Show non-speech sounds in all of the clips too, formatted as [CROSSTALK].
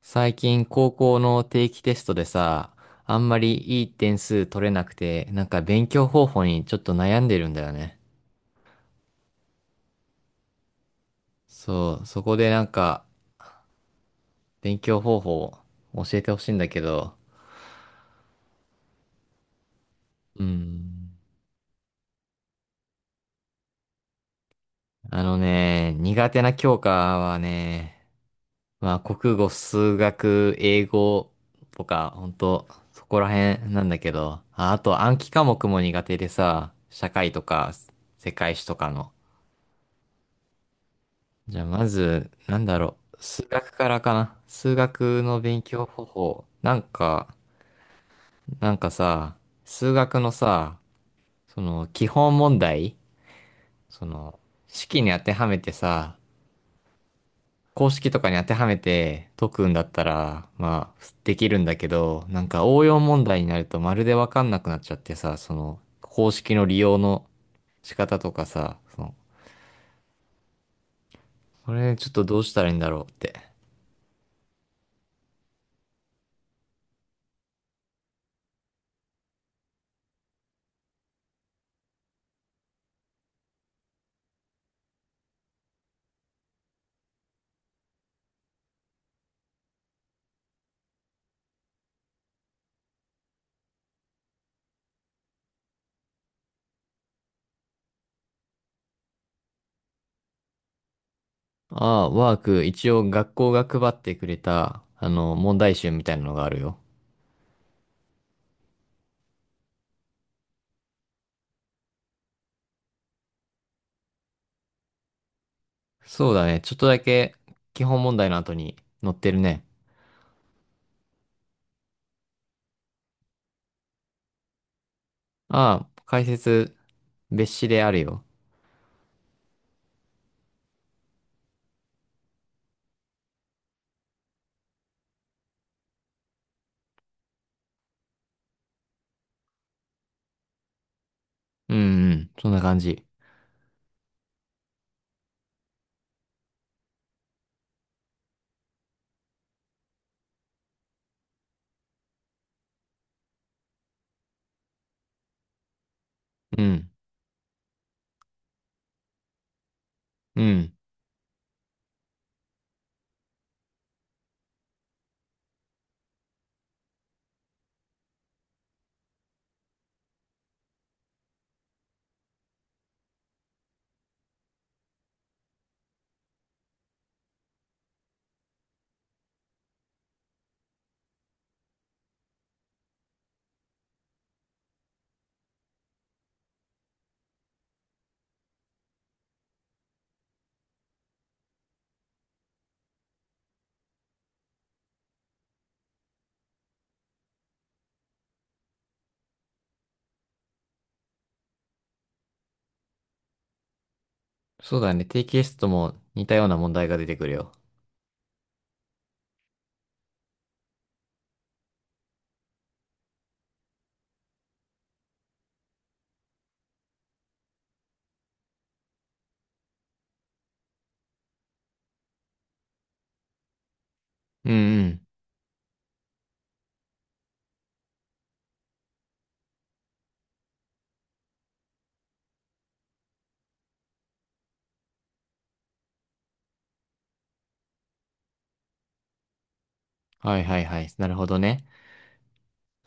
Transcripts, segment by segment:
最近高校の定期テストでさ、あんまりいい点数取れなくて、勉強方法にちょっと悩んでるんだよね。そう、そこで勉強方法を教えてほしいんだけど、うん。あのね、苦手な教科はね、まあ国語、数学、英語とか、ほんと、そこら辺なんだけど、ああと暗記科目も苦手でさ、社会とか世界史とかの。じゃあまず、なんだろう。数学からかな。数学の勉強方法。なんかさ、数学のさ、その基本問題、その式に当てはめてさ、公式とかに当てはめて解くんだったら、まあ、できるんだけど、なんか応用問題になるとまるでわかんなくなっちゃってさ、その公式の利用の仕方とかさ、その、これちょっとどうしたらいいんだろうって。ああ、ワーク、一応学校が配ってくれた、あの、問題集みたいなのがあるよ。そうだね。ちょっとだけ基本問題の後に載ってるね。ああ、解説、別紙であるよ。うんうん、そんな感じ。うん、うん。そうだね。定期テストも似たような問題が出てくるよ。うんうん。はいはいはい。なるほどね。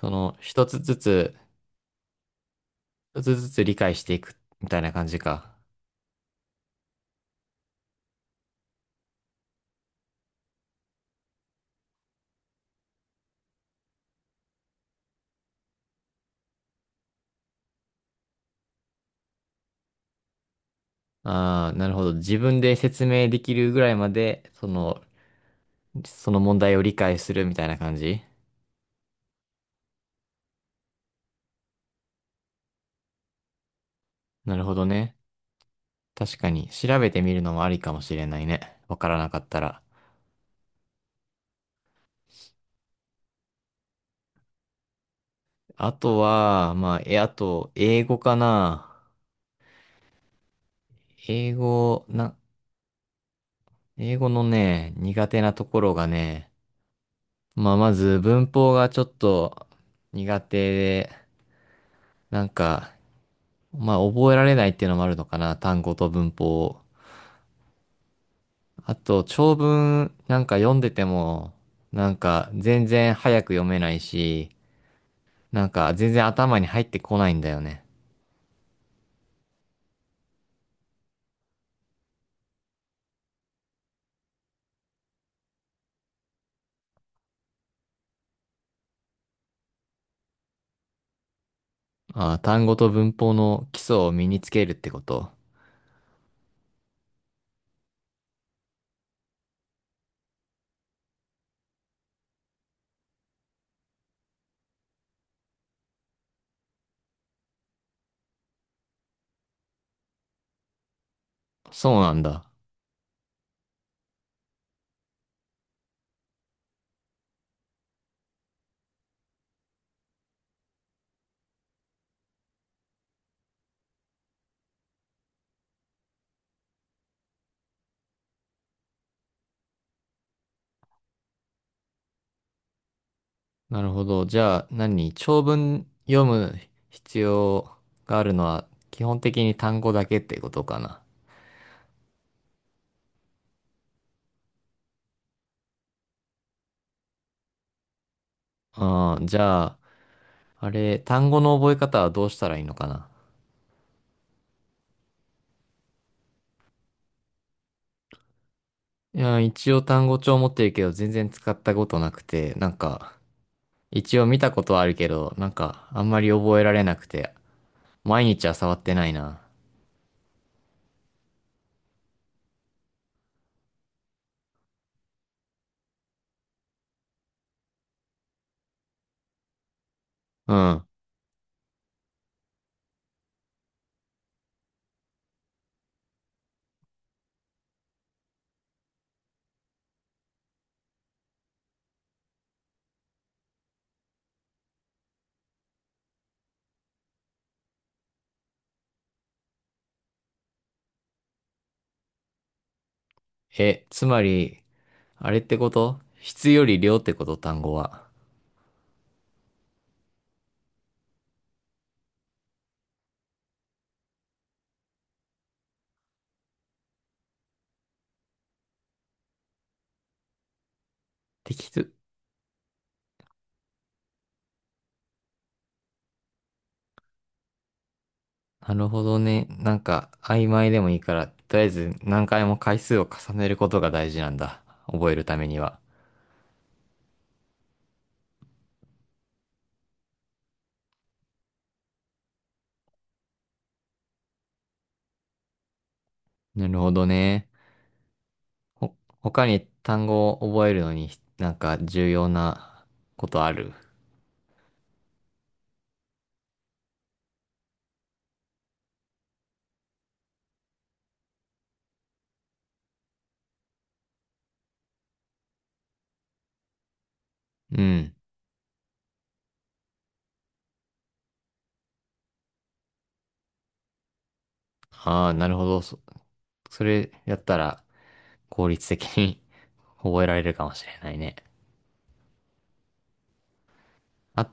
その、一つずつ理解していく、みたいな感じか。ああ、なるほど。自分で説明できるぐらいまで、その、その問題を理解するみたいな感じ。なるほどね。確かに、調べてみるのもありかもしれないね。わからなかったら。あとは、まあ、え、あと、英語かな。英語、な、英語のね、苦手なところがね、まあ、まず文法がちょっと苦手で、なんか、まあ、覚えられないっていうのもあるのかな。単語と文法を。あと、長文なんか読んでても、なんか全然早く読めないし、なんか全然頭に入ってこないんだよね。ああ、単語と文法の基礎を身につけるってこと。そうなんだ。なるほど。じゃあ何長文読む必要があるのは基本的に単語だけってことかな。ああ、じゃあ、あれ、単語の覚え方はどうしたらいいのかな。いや、一応単語帳持ってるけど全然使ったことなくて、なんか、一応見たことはあるけど、なんかあんまり覚えられなくて、毎日は触ってないな。うん。え、つまり、あれってこと。質より量ってこと単語は。適当。なるほどね。なんか、曖昧でもいいから、とりあえず何回も回数を重ねることが大事なんだ。覚えるためには。なるほどね。ほ、他に単語を覚えるのに、なんか重要なことある？うん。ああ、なるほど。そ、それやったら、効率的に [LAUGHS] 覚えられるかもしれないね。あ、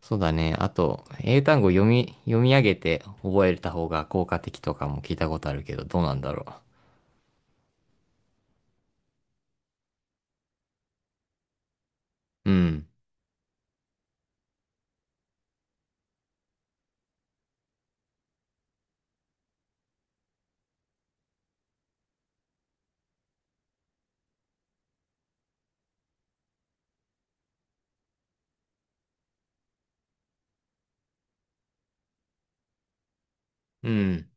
そうだね。あと、英単語読み、読み上げて覚えた方が効果的とかも聞いたことあるけど、どうなんだろう。うん。うん。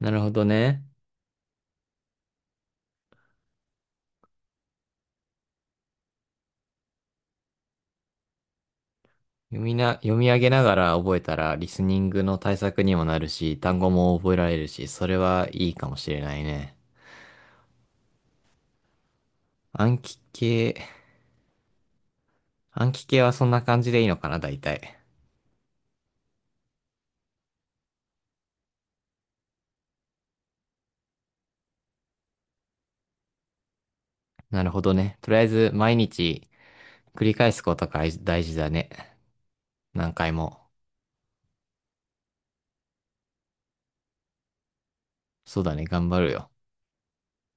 なるほどね。読みな、読み上げながら覚えたら、リスニングの対策にもなるし、単語も覚えられるし、それはいいかもしれないね。暗記系、暗記系はそんな感じでいいのかな、大体。なるほどね。とりあえず、毎日繰り返すことが大事だね。何回も。そうだね、頑張るよ。